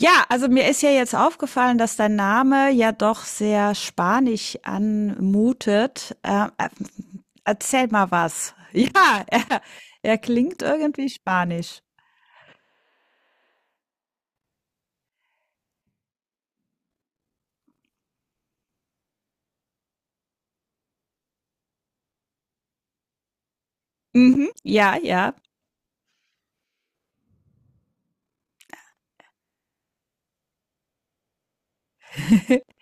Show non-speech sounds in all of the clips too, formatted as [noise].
Ja, also mir ist ja jetzt aufgefallen, dass dein Name ja doch sehr spanisch anmutet. Erzähl mal was. Ja, [laughs] er klingt irgendwie spanisch. Mhm. Ja, ja. [laughs]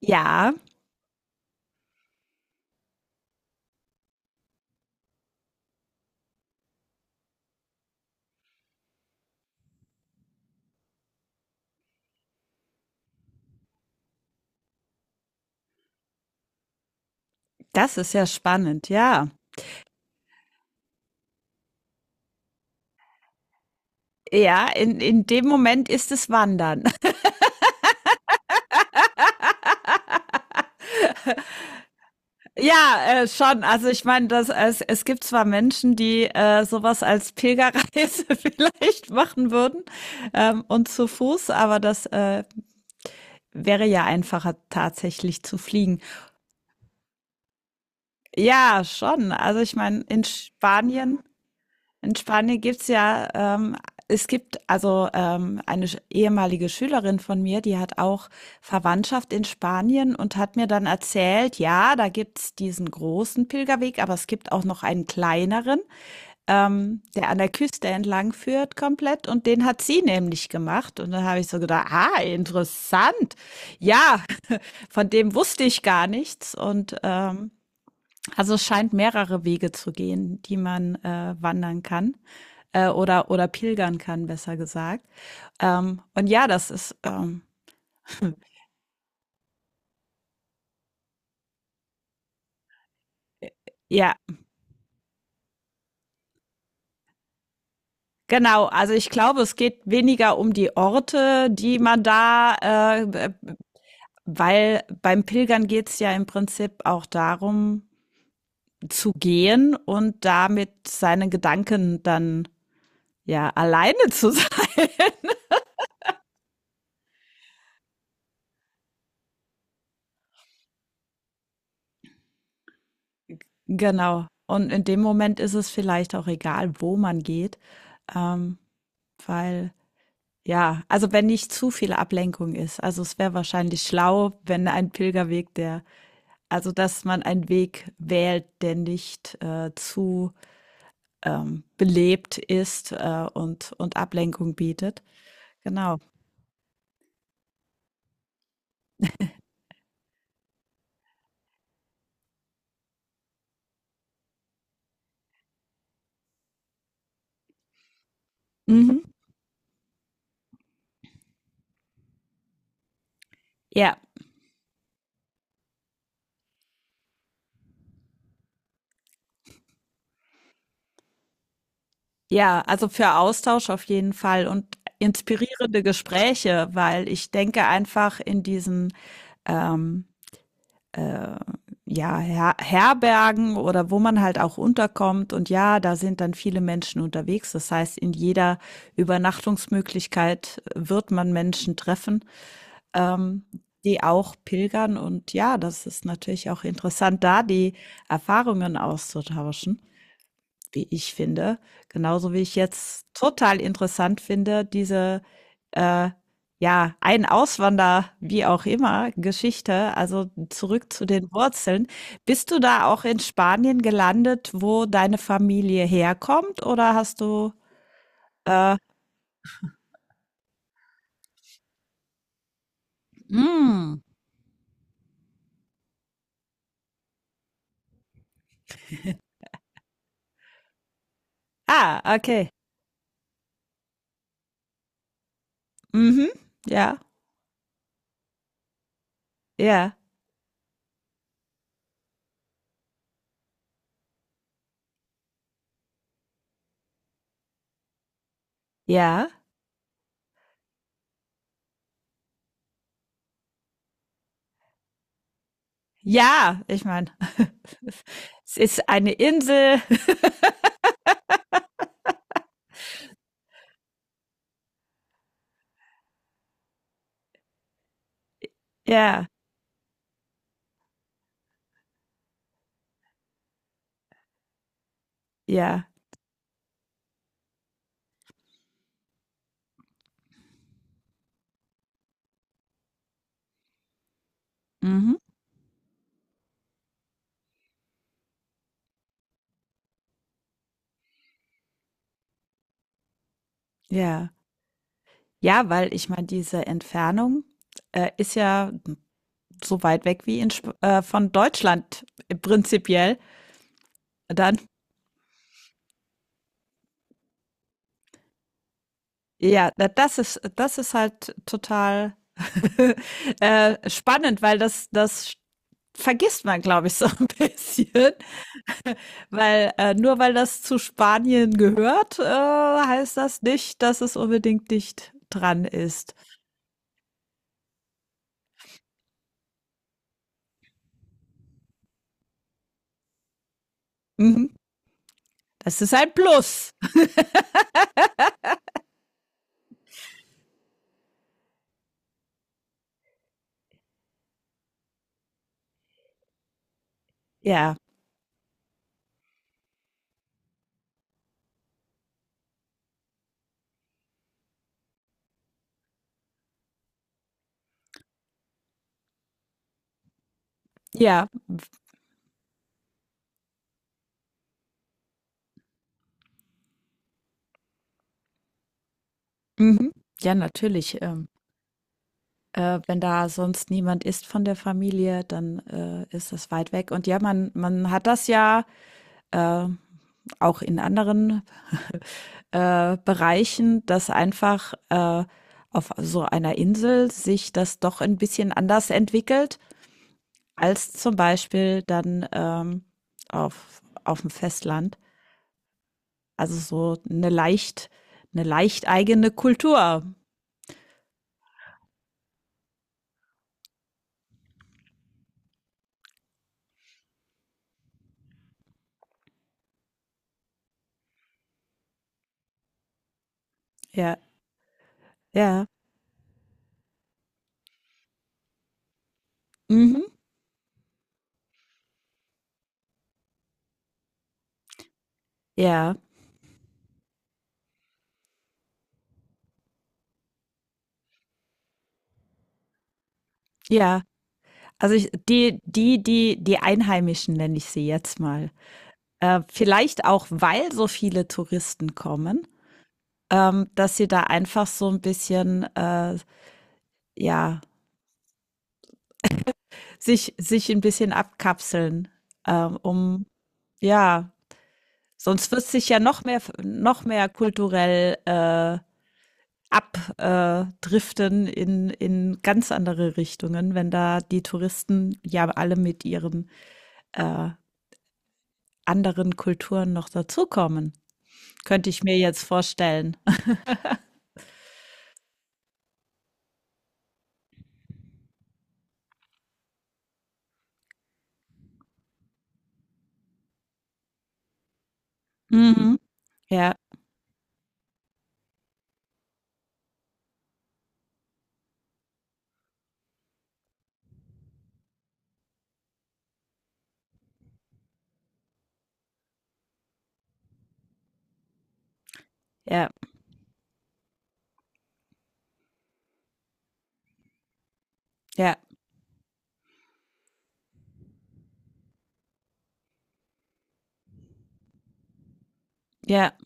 Ja, das ist ja spannend, ja. Ja, in dem Moment ist es Wandern. [laughs] Ja, schon. Also ich meine, es gibt zwar Menschen, die sowas als Pilgerreise [laughs] vielleicht machen würden und zu Fuß, aber das wäre ja einfacher tatsächlich zu fliegen. Ja, schon. Also ich meine, in Spanien gibt's ja, es gibt also eine ehemalige Schülerin von mir, die hat auch Verwandtschaft in Spanien und hat mir dann erzählt, ja, da gibt's diesen großen Pilgerweg, aber es gibt auch noch einen kleineren, der an der Küste entlang führt komplett, und den hat sie nämlich gemacht. Und dann habe ich so gedacht, ah, interessant. Ja, von dem wusste ich gar nichts. Und also es scheint mehrere Wege zu gehen, die man wandern kann oder pilgern kann, besser gesagt. Und ja, das ist, ja, genau. Also ich glaube, es geht weniger um die Orte, die man da, äh, weil beim Pilgern geht es ja im Prinzip auch darum, zu gehen und damit seine Gedanken dann ja alleine zu [laughs] sein. Genau. Und in dem Moment ist es vielleicht auch egal, wo man geht, ähm, weil ja, also wenn nicht zu viel Ablenkung ist. Also es wäre wahrscheinlich schlau, wenn ein Pilgerweg, der, also dass man einen Weg wählt, der nicht zu belebt ist und Ablenkung bietet. Genau. Mhm. Ja, ja, also für Austausch auf jeden Fall und inspirierende Gespräche, weil ich denke einfach in diesen ähm, äh, ja, Herbergen oder wo man halt auch unterkommt. Und ja, da sind dann viele Menschen unterwegs. Das heißt, in jeder Übernachtungsmöglichkeit wird man Menschen treffen, ähm, die auch pilgern. Und ja, das ist natürlich auch interessant, da die Erfahrungen auszutauschen, wie ich finde. Genauso wie ich jetzt total interessant finde, diese, äh, ja, ein Auswander, wie auch immer, Geschichte, also zurück zu den Wurzeln. Bist du da auch in Spanien gelandet, wo deine Familie herkommt oder hast du, äh, hm, ah, okay. Mhm. Ja, ja, ja. Ja, ich meine, [laughs] es ist eine Insel. [laughs] Ja, ja. Mhm. Ja. Ja, weil ich meine, diese Entfernung, ist ja so weit weg wie in Sp von Deutschland prinzipiell. Dann, ja, das ist halt total [laughs] spannend, weil das vergisst man, glaube ich, so ein [laughs] bisschen. Weil nur weil das zu Spanien gehört, heißt das nicht, dass es unbedingt dicht dran ist. Mhm. Das ist ein Plus. Ja, ja, mhm. Ja, natürlich. Wenn da sonst niemand ist von der Familie, dann, ist das weit weg. Und ja, man hat das ja, äh, auch in anderen, [laughs] Bereichen, dass einfach, auf so einer Insel sich das doch ein bisschen anders entwickelt als zum Beispiel dann, auf dem Festland. Also, eine leicht eigene Kultur. Ja, ja. Mhm. Ja, ja. Also ich, die Einheimischen nenne ich sie jetzt mal. Vielleicht auch, weil so viele Touristen kommen, dass sie da einfach so ein bisschen, ja, sich ein bisschen abkapseln, um, ja, sonst wird sich ja noch mehr kulturell abdriften in ganz andere Richtungen, wenn da die Touristen ja alle mit ihren äh, anderen Kulturen noch dazukommen. Könnte ich mir jetzt vorstellen. [laughs] Mhm. Ja, ja, ja, ja,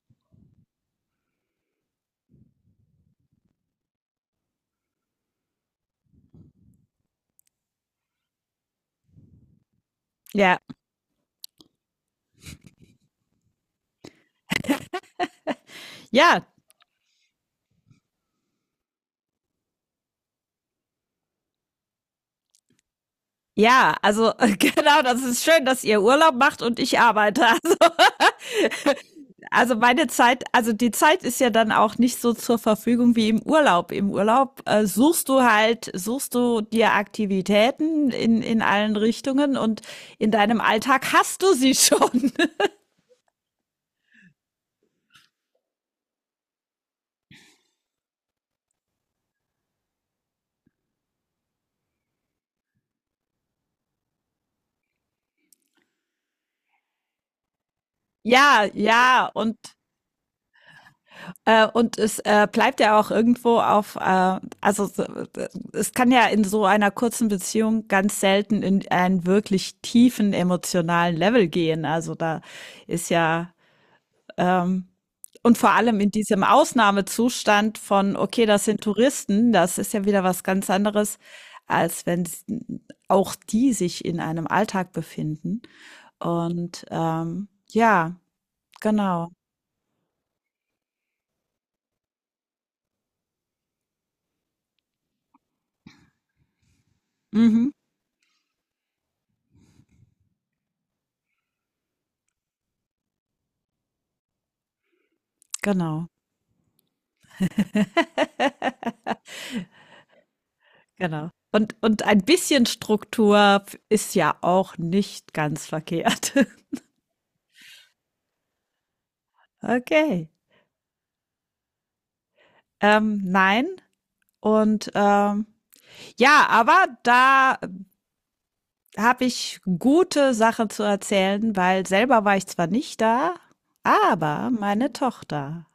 ja, ja. Ja, also [laughs] genau, das ist schön, dass ihr Urlaub macht und ich arbeite. Also, [laughs] also meine Zeit, also die Zeit ist ja dann auch nicht so zur Verfügung wie im Urlaub. Im Urlaub suchst du halt, suchst du dir Aktivitäten in allen Richtungen und in deinem Alltag hast du sie schon. [laughs] Ja, ja, und äh, und es bleibt ja auch irgendwo auf, also so, es kann ja in so einer kurzen Beziehung ganz selten in einen wirklich tiefen emotionalen Level gehen. Also da ist ja, ähm, und vor allem in diesem Ausnahmezustand von, okay, das sind Touristen, das ist ja wieder was ganz anderes, als wenn auch die sich in einem Alltag befinden. Und ja, genau. Mhm, genau. [laughs] Genau. Und ein bisschen Struktur f ist ja auch nicht ganz verkehrt. [laughs] Okay. Nein. Und, ja, aber da habe ich gute Sachen zu erzählen, weil selber war ich zwar nicht da, aber meine Tochter